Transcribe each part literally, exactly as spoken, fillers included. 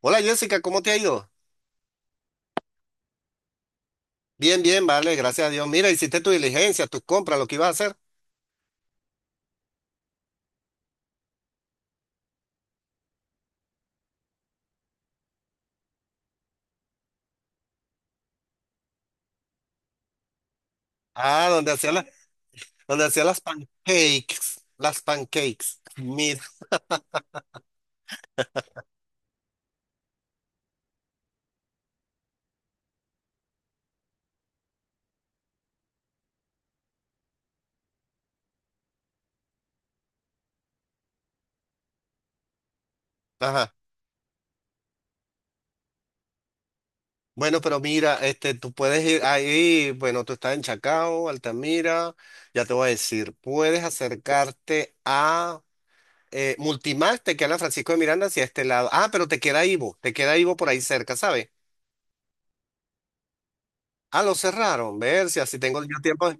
Hola Jessica, ¿cómo te ha ido? Bien, bien, vale, gracias a Dios. Mira, hiciste tu diligencia, tus compras, lo que ibas a hacer. Ah, donde hacía la- donde hacía las pancakes, las pancakes. Mira, ajá. Bueno, pero mira, este, tú puedes ir ahí, bueno, tú estás en Chacao, Altamira, ya te voy a decir, puedes acercarte a eh, Multimax, te queda en Francisco de Miranda hacia este lado. Ah, pero te queda Ivo, te queda Ivo por ahí cerca, ¿sabes? Ah, lo cerraron, ver si así tengo yo tiempo,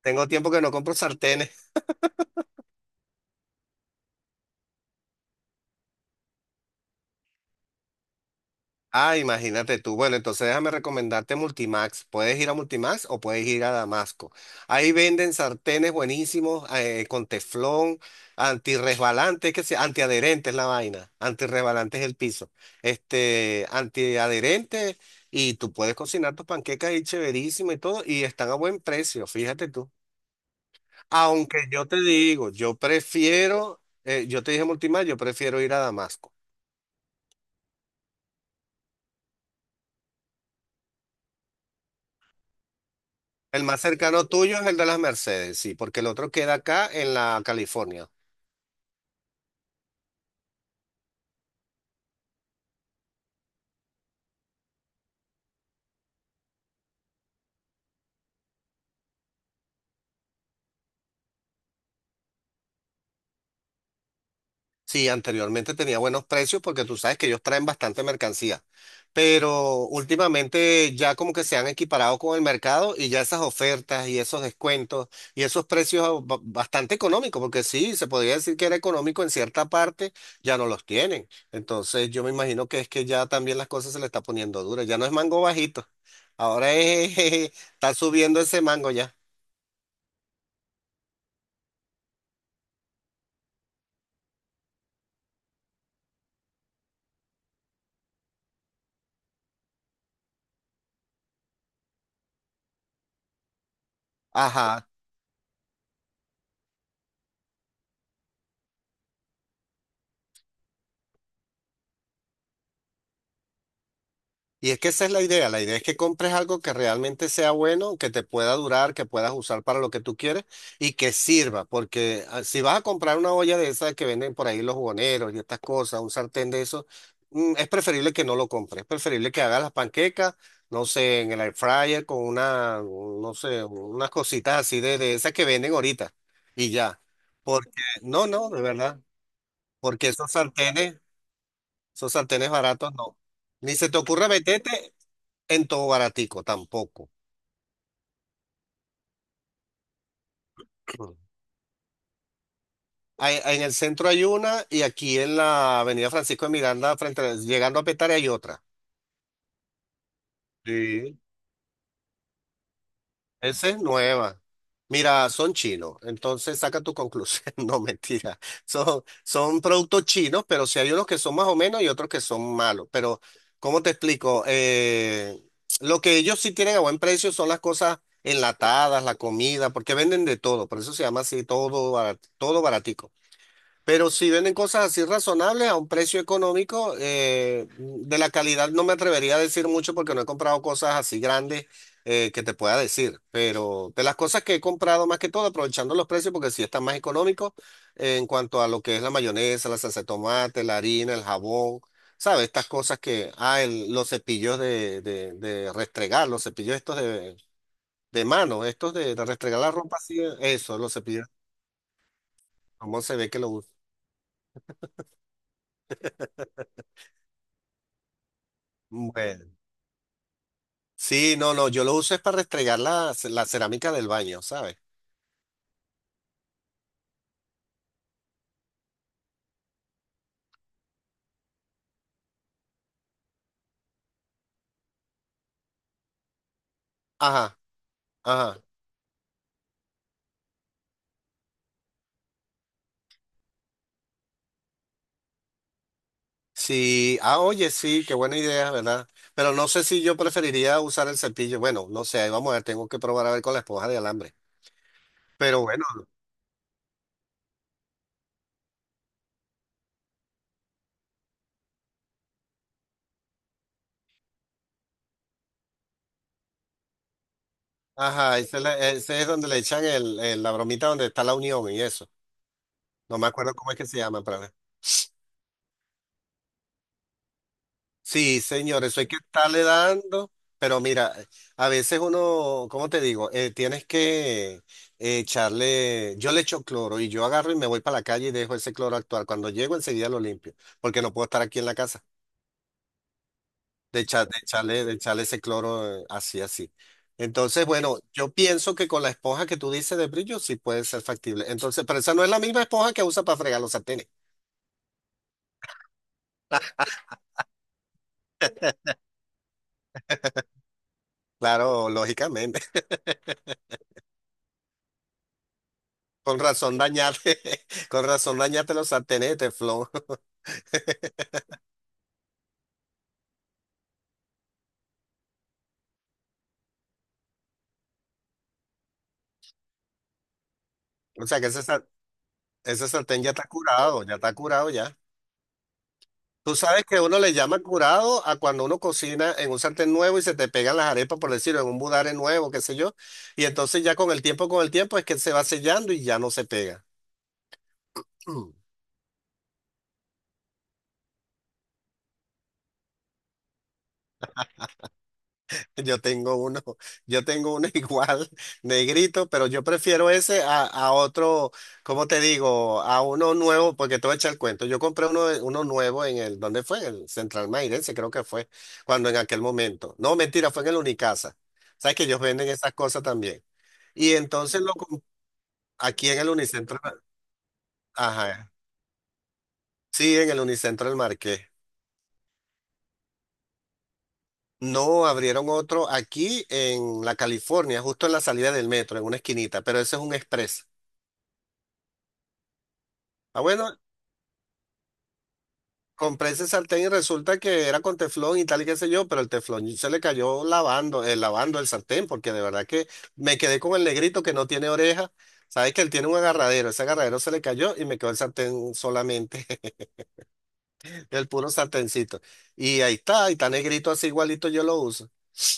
tengo tiempo que no compro sartenes. Ah, imagínate tú. Bueno, entonces déjame recomendarte Multimax. Puedes ir a Multimax o puedes ir a Damasco. Ahí venden sartenes buenísimos, eh, con teflón, antirresbalante, que sea, antiadherente es la vaina. Antirresbalante es el piso. Este, antiadherente, y tú puedes cocinar tus panquecas ahí chéverísimo y todo y están a buen precio, fíjate tú. Aunque yo te digo, yo prefiero, eh, yo te dije Multimax, yo prefiero ir a Damasco. El más cercano tuyo es el de las Mercedes, sí, porque el otro queda acá en la California. Sí, anteriormente tenía buenos precios porque tú sabes que ellos traen bastante mercancía, pero últimamente ya como que se han equiparado con el mercado, y ya esas ofertas y esos descuentos y esos precios ba- bastante económicos, porque sí, se podría decir que era económico en cierta parte, ya no los tienen. Entonces yo me imagino que es que ya también las cosas se le está poniendo duras, ya no es mango bajito, ahora es, está subiendo ese mango ya. Ajá, y es que esa es la idea, la idea es que compres algo que realmente sea bueno, que te pueda durar, que puedas usar para lo que tú quieres y que sirva, porque ah, si vas a comprar una olla de esas que venden por ahí los jugoneros y estas cosas, un sartén de eso, mm, es preferible que no lo compres, es preferible que hagas las panquecas, no sé, en el air fryer con una, no sé, unas cositas así de, de esas que venden ahorita y ya, porque no, no, de verdad, porque esos sartenes, esos sartenes baratos no. Ni se te ocurra meterte en todo baratico, tampoco. Hay- en el centro hay una, y aquí en la Avenida Francisco de Miranda, frente, a- llegando a Petare hay otra. Sí. Esa es nueva. Mira, son chinos, entonces saca tu conclusión. No, mentira. Son, son productos chinos, pero sí hay unos que son más o menos y otros que son malos. Pero, ¿cómo te explico? Eh, lo que ellos sí tienen a buen precio son las cosas enlatadas, la comida, porque venden de todo. Por eso se llama así, todo, barat- todo baratico. Pero si venden cosas así razonables a un precio económico. Eh, de la calidad no me atrevería a decir mucho porque no he comprado cosas así grandes, eh, que te pueda decir. Pero de las cosas que he comprado más que todo, aprovechando los precios porque sí están más económicos, eh, en cuanto a lo que es la mayonesa, la salsa de tomate, la harina, el jabón, ¿sabes? Estas cosas que, ah, el- los cepillos de, de, de restregar, los cepillos estos de, de mano, estos de, de restregar la ropa así, eso, los cepillos, cómo se ve que lo usan. Bueno, sí, no, no, yo lo uso es para restregar la, ce- la cerámica del baño, ¿sabes? Ajá, ajá. Sí, ah, oye, sí, qué buena idea, ¿verdad? Pero no sé si yo preferiría usar el cepillo. Bueno, no sé, ahí vamos a ver, tengo que probar a ver con la esponja de alambre. Pero bueno, ajá, ese es, la- ese es donde le echan el, el- la bromita donde está la unión y eso. No me acuerdo cómo es que se llama, pero. Sí, señor, eso hay que estarle dando, pero mira, a veces uno, ¿cómo te digo? Eh, tienes que eh, echarle, yo le echo cloro y yo agarro y me voy para la calle y dejo ese cloro actuar. Cuando llego enseguida lo limpio, porque no puedo estar aquí en la casa de, echar- de echarle, de echarle ese cloro, eh, así, así. Entonces, bueno, yo pienso que con la esponja que tú dices de brillo sí puede ser factible. Entonces, pero esa no es la misma esponja que usa para fregar los sartenes. Claro, lógicamente. Con razón dañate, con razón dañate los sartenetes, Flo. O sea que ese, sar- ese sartén ya está curado, ya está curado ya. Tú sabes que uno le llama curado a cuando uno cocina en un sartén nuevo y se te pegan las arepas, por decirlo, en un budare nuevo, qué sé yo. Y entonces ya con el tiempo, con el tiempo es que se va sellando y ya no se pega. Yo tengo uno, yo tengo uno igual, negrito, pero yo prefiero ese a, a otro, ¿cómo te digo? A uno nuevo, porque te voy a echar el cuento. Yo compré uno, de- uno nuevo en el, ¿dónde fue? En el Central Mairense, creo que fue, cuando en aquel momento. No, mentira, fue en el Unicasa. Sabes que ellos venden esas cosas también. Y entonces lo comp- aquí en el Unicentro, ajá, sí, en el Unicentro del Marqués. No, abrieron otro aquí en la California, justo en la salida del metro, en una esquinita, pero ese es un express. Ah, bueno, compré ese sartén y resulta que era con teflón y tal y qué sé yo, pero el teflón se le cayó lavando, eh, lavando el sartén, porque de verdad que me quedé con el negrito que no tiene oreja. Sabes que él tiene un agarradero, ese agarradero se le cayó y me quedó el sartén solamente, el puro sartencito. Y ahí está, y está negrito así igualito yo lo uso.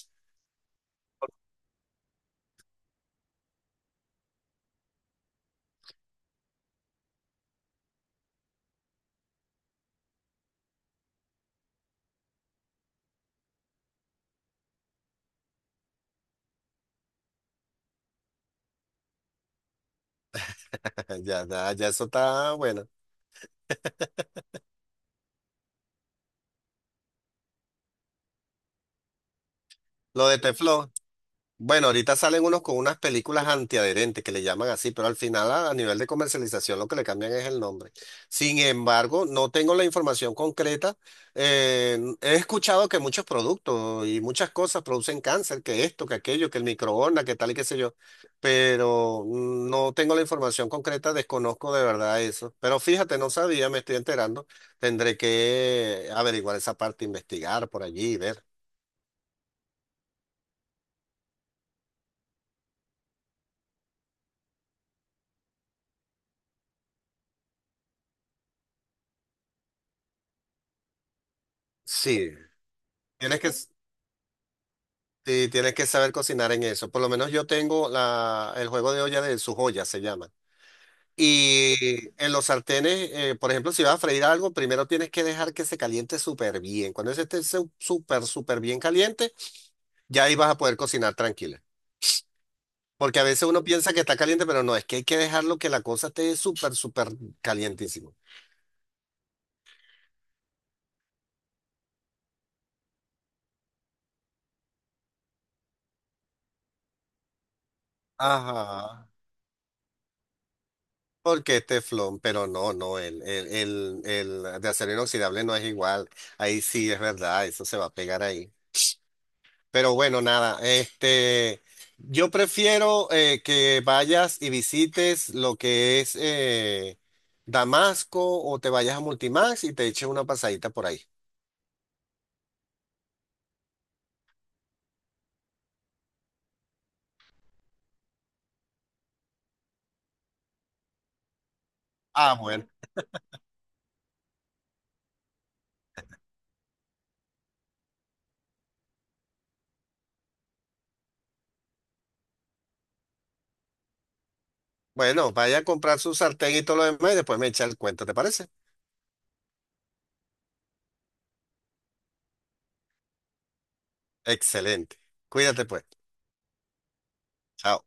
Ya, ya, ya eso está bueno. Lo de teflón. Bueno, ahorita salen unos con unas películas antiadherentes que le llaman así, pero al final a, a nivel de comercialización lo que le cambian es el nombre. Sin embargo, no tengo la información concreta. Eh, he escuchado que muchos productos y muchas cosas producen cáncer, que esto, que aquello, que el microondas, que tal y qué sé yo, pero mm, no tengo la información concreta, desconozco de verdad eso. Pero fíjate, no sabía, me estoy enterando. Tendré que averiguar esa parte, investigar por allí y ver. Sí, tienes que... Sí, tienes que saber cocinar en eso. Por lo menos yo tengo la, el juego de olla de su joya, se llama. Y en los sartenes, eh, por ejemplo, si vas a freír algo, primero tienes que dejar que se caliente súper bien. Cuando ese esté su- súper, súper bien caliente, ya ahí vas a poder cocinar tranquila. Porque a veces uno piensa que está caliente, pero no, es que hay que dejarlo que la cosa esté súper, súper calientísimo. Ajá. Porque es teflón, pero no, no, el, el, el, el de acero inoxidable no es igual. Ahí sí es verdad, eso se va a pegar ahí. Pero bueno, nada, este, yo prefiero, eh, que vayas y visites lo que es, eh, Damasco, o te vayas a Multimax y te eches una pasadita por ahí. Ah, bueno. Bueno, vaya a comprar su sartén y todo lo demás y después me echa el cuento, ¿te parece? Excelente. Cuídate pues. Chao.